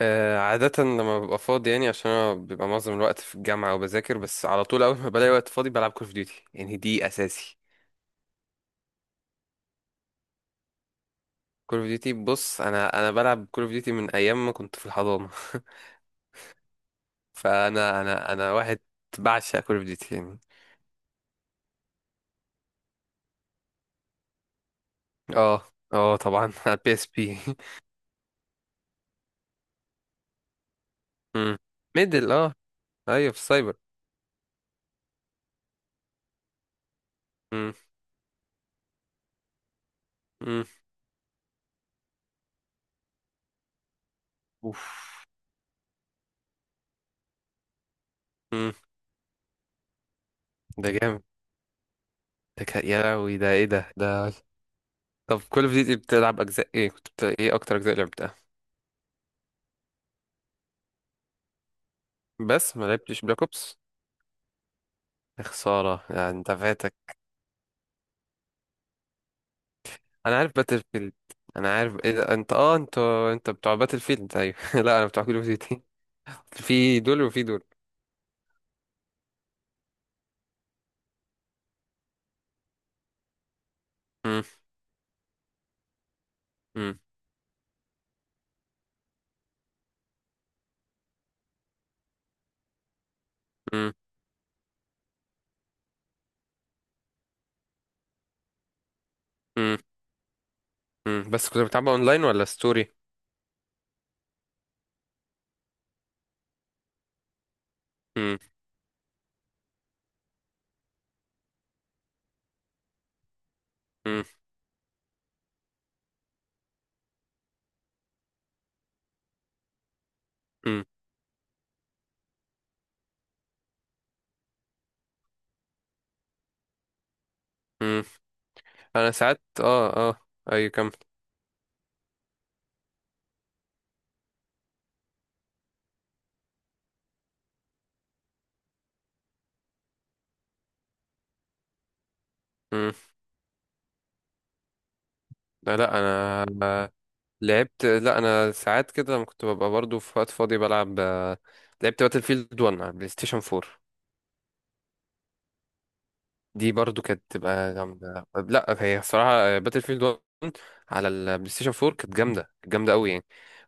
آه، عادة لما ببقى فاضي يعني عشان أنا بيبقى معظم الوقت في الجامعة وبذاكر، بس على طول أول ما بلاقي وقت فاضي بلعب كول أوف ديوتي، يعني دي أساسي. كول أوف ديوتي، بص، أنا بلعب كول أوف ديوتي من أيام ما كنت في الحضانة. فأنا أنا أنا واحد بعشق كول أوف ديوتي يعني. أه أه طبعا. على بي إس بي. ميدل. أه، أيوة في السايبر. مم، مم، أوف، مم، ده جامد. يا لهوي، ده إيه ده؟ طب كول أوف ديوتي بتلعب أجزاء إيه؟ إيه أكتر أجزاء لعبتها؟ بس ما لعبتش بلاك أوبس، يا خسارة يعني، انت فاتك. انا عارف باتل فيلد. انا عارف ايه ده، انت انت بتوع باتل فيلد، ايوه. لا، انا بتوع كول اوف ديوتي. في دول وفي دول. مم، مم، مم، مم، مم. بس كنت بتلعبها اونلاين ولا ستوري؟ مم، مم، مم، مم. انا ساعات اه، ايوه كمل. مم. لا لا، انا لعبت. لا، انا ساعات كده لما كنت ببقى برضو في وقت فاضي بلعب، لعبت باتل فيلد 1 على بلاي ستيشن 4. دي برضو كانت تبقى جامدة. لا، هي الصراحة باتل فيلد 1 على البلاي ستيشن 4 كانت جامدة، كانت جامدة قوي يعني.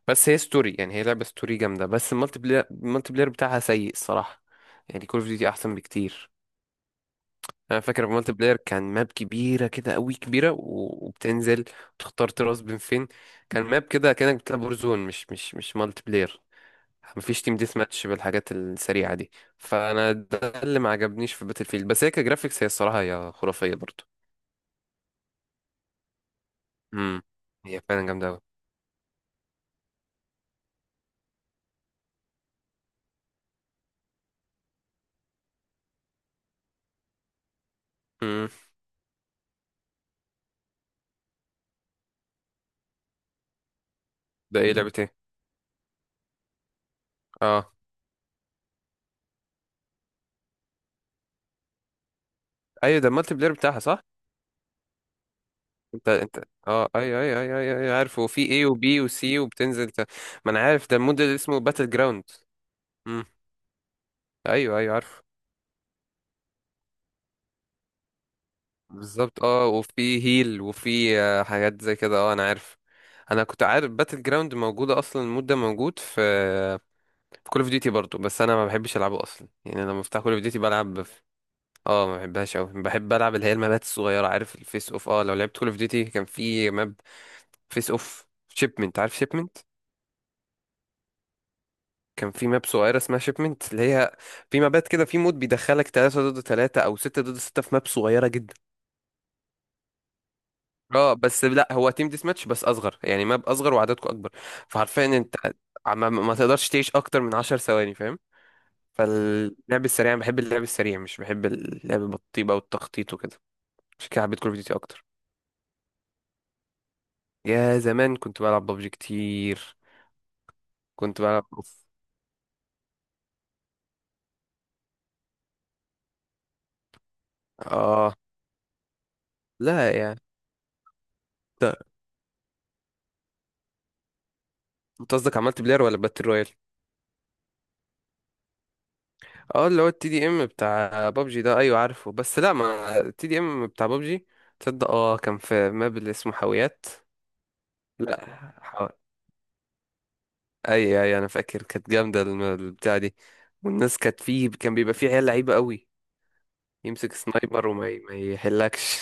بس هي ستوري، يعني هي لعبة ستوري جامدة، بس المالتي بلاير، المالتي بلاير بتاعها سيء الصراحة، يعني كول اوف ديوتي أحسن بكتير. أنا فاكر المالتي بلاير كان ماب كبيرة كده قوي كبيرة وبتنزل وتختار تراس بين فين. كان ماب كده كأنك بتلعب ورزون، مش مالتي بلاير. مفيش تيم ديث ماتش بالحاجات السريعة دي. فأنا ده اللي ما عجبنيش في باتل فيلد، بس هي كجرافيكس هي الصراحة هي خرافية برضو. امم، هي فعلا جامده قوي. امم، ده ايه؟ لعبه ايه؟ اه ايوه، ده المالتي بلاير بتاعها صح. انت انت اه ايوه ايوه ايوه ايوه أيوة، عارف، وفي ايه وبي وسي ما انا عارف، ده المود اللي اسمه باتل جراوند. امم، ايوه ايوه عارف. بالظبط، اه وفي هيل وفي، حاجات زي كده، اه انا عارف. انا كنت عارف باتل جراوند موجوده اصلا، المود ده موجود في في كول اوف ديوتي برضو، بس انا ما بحبش العبه اصلا يعني. لما بفتح كول اوف ديوتي بلعب، اه ما بحبهاش قوي، بحب العب اللي هي المابات الصغيره، عارف الفيس اوف؟ اه، لو لعبت كول اوف ديوتي كان في ماب فيس اوف شيبمنت، عارف شيبمنت؟ كان في ماب صغيره اسمها شيبمنت، اللي هي في مابات كده في مود بيدخلك 3 ضد 3 او 6 ضد 6 في ماب صغيره جدا. اه بس لا، هو تيم ديس ماتش بس اصغر، يعني ماب اصغر وعددكم اكبر. فحرفيا انت ما تقدرش تعيش اكتر من 10 ثواني، فاهم؟ فاللعب السريع أنا بحب اللعب السريع، مش بحب اللعب بالطيبه والتخطيط وكده. عشان كده حبيت كول اوف ديوتي اكتر. يا زمان كنت بلعب ببجي كتير. كنت بلعب اوف، اه لا يعني، ده انت قصدك عملت بلاير ولا باتل رويال؟ اه اللي هو التي دي ام بتاع ببجي ده، ايوه عارفه. بس لا، ما التي دي ام بتاع ببجي، تصدق اه كان في ماب اللي اسمه حاويات. لا حو... اي اي، انا فاكر كانت جامده البتاع دي. والناس كانت فيه، كان بيبقى فيه عيال لعيبه قوي، يمسك سنايبر ما يحلكش.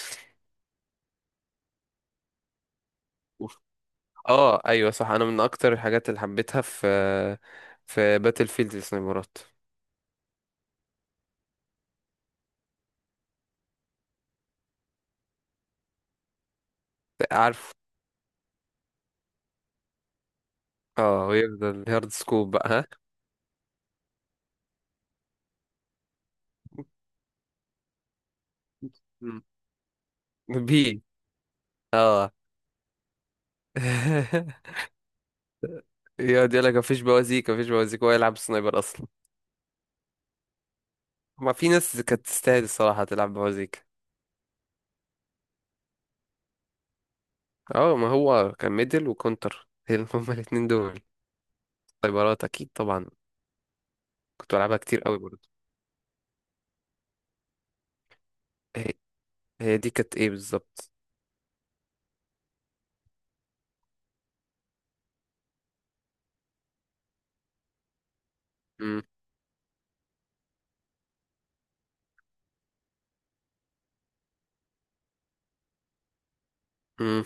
اه ايوه صح، انا من اكتر الحاجات اللي حبيتها في في باتل فيلد السنايبرات. عارف، اه ويفضل هارد سكوب بقى، ها. مم. بي، اه. يقعد يقول لك مفيش بوازيك مفيش بوازيك، هو يلعب سنايبر اصلا. ما في ناس كانت تستاهل الصراحه تلعب بوازيك. اه ما هو كان ميدل وكونتر، هما الاتنين دول سنايبرات اكيد طبعا. كنت بلعبها كتير قوي برضه. هي هي دي كانت ايه بالظبط؟ مم. مم.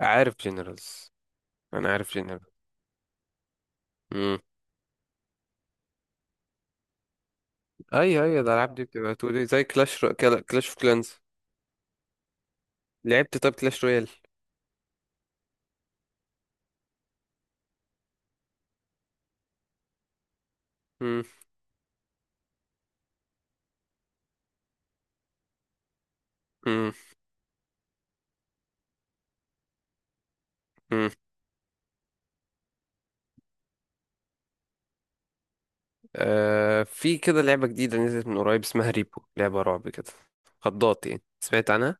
عارف جنرالز. انا عارف جنرال. اي اي، الالعاب دي بتبقى تقولي زي كلاش اوف كلانز. لعبت طب كلاش رويال؟ مم. مم. مم. آه، في كده لعبة جديدة نزلت من قريب اسمها ريبو، لعبة رعب كده، خضات يعني. سمعت عنها؟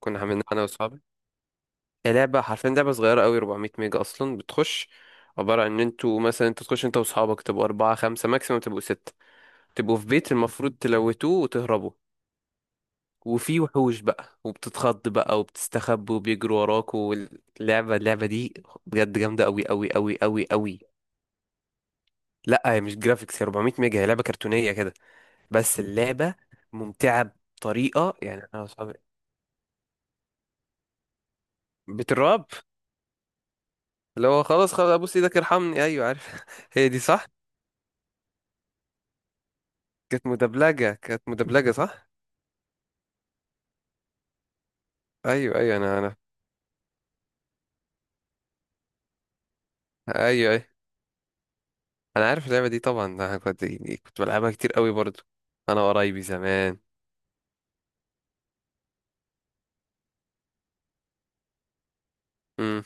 كنا عاملينها انا واصحابي. هي لعبة، حرفيا لعبة صغيرة قوي، 400 ميجا اصلا، بتخش عبارة عن ان انتوا مثلا، انت تخش انت واصحابك، تبقوا أربعة خمسة ماكسيموم تبقوا ستة، تبقوا في بيت المفروض تلوتوه وتهربوا، وفي وحوش بقى وبتتخض بقى وبتستخبى وبيجروا وراك، واللعبة، اللعبة دي بجد جامدة أوي أوي أوي أوي أوي. لا هي مش جرافيكس، هي 400 ميجا، هي لعبة كرتونية كده، بس اللعبة ممتعة بطريقة يعني أنا وأصحابي. بتراب، اللي هو خلاص خلاص أبوس إيدك ارحمني. أيوة عارف، هي دي صح. كانت مدبلجة، كانت مدبلجة صح. أيوة أيوة، أنا. أيوة أيوة، أنا عارف اللعبة دي طبعا، أنا كنت يعني كنت بلعبها كتير أوي برضو أنا وقرايبي زمان. امم،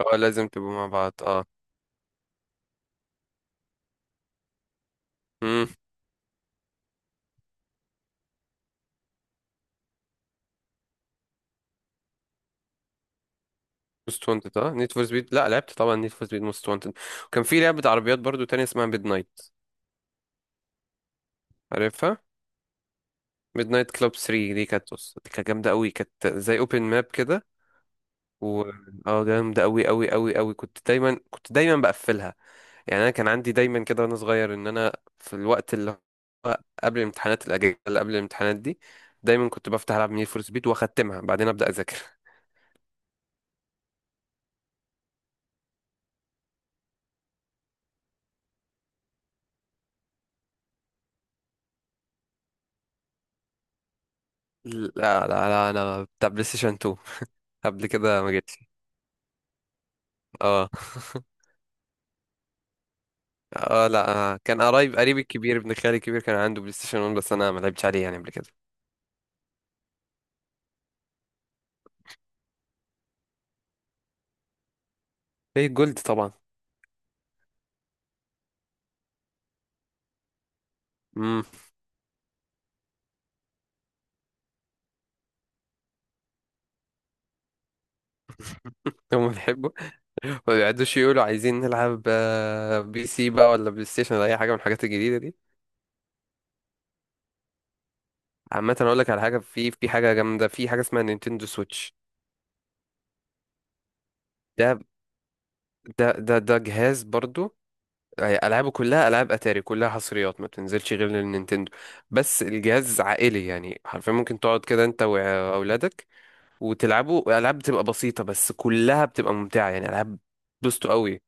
اه لازم تبقوا مع بعض اه. امم، موست وانتد اه، نيد فور سبيد، لا لعبت طبعا نيد فور سبيد موست وانتد، وكان في لعبة عربيات برضو تانية اسمها ميد نايت. عارفها. ميد نايت كلوب 3 دي، كانت بص دي كانت جامدة قوي، كانت زي اوبن ماب كده. و، اه جامدة قوي قوي قوي قوي، كنت دايما، كنت دايما بقفلها. يعني انا كان عندي دايما كده وانا صغير ان انا في الوقت اللي هو قبل الامتحانات، الاجازة اللي قبل الامتحانات دي، دايما كنت بفتح العب نيد فور سبيد واختمها بعدين ابدا اذاكر. لا لا لا، انا بتاع بلاي ستيشن 2، قبل كده ما جيتش. اه. اه لا آه، كان قريب، قريبي الكبير ابن خالي الكبير كان عنده بلاي ستيشن 1، بس انا ما لعبتش عليه يعني قبل كده. في جولد طبعا. امم، هم بيحبوا. ما بيقعدوش يقولوا عايزين نلعب، آه، بي سي بقى ولا بلاي ستيشن ولا اي حاجه من الحاجات الجديده دي. عامه اقول لك على حاجه، في في حاجه جامده، في حاجه اسمها نينتندو سويتش. ده ده جهاز برضو، آه، العابه كلها العاب اتاري، كلها حصريات ما بتنزلش غير للنينتندو. بس الجهاز عائلي يعني، حرفيا ممكن تقعد كده انت واولادك وتلعبوا العاب بتبقى بسيطه بس كلها بتبقى ممتعه، يعني العاب بوستو قوي.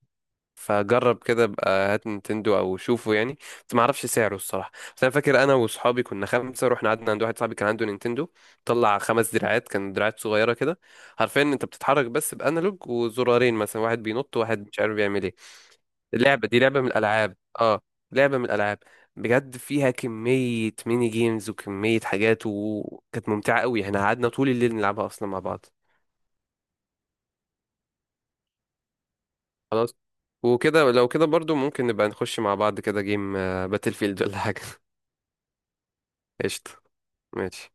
فجرب كده بقى، هات نينتندو او شوفه يعني. بس ما اعرفش سعره الصراحه. بس انا فاكر انا واصحابي كنا خمسه، رحنا قعدنا عند واحد صاحبي كان عنده نينتندو، طلع خمس دراعات، كان دراعات صغيره كده. حرفيا انت بتتحرك بس بانالوج وزرارين، مثلا واحد بينط وواحد مش عارف بيعمل ايه. اللعبه دي لعبه من الالعاب، اه لعبه من الالعاب بجد، فيها كمية ميني جيمز وكمية حاجات، وكانت ممتعة قوي، احنا قعدنا طول الليل نلعبها أصلا مع بعض. خلاص، وكده لو كده برضو ممكن نبقى نخش مع بعض كده جيم باتل فيلد ولا حاجة. قشطة. ماشي.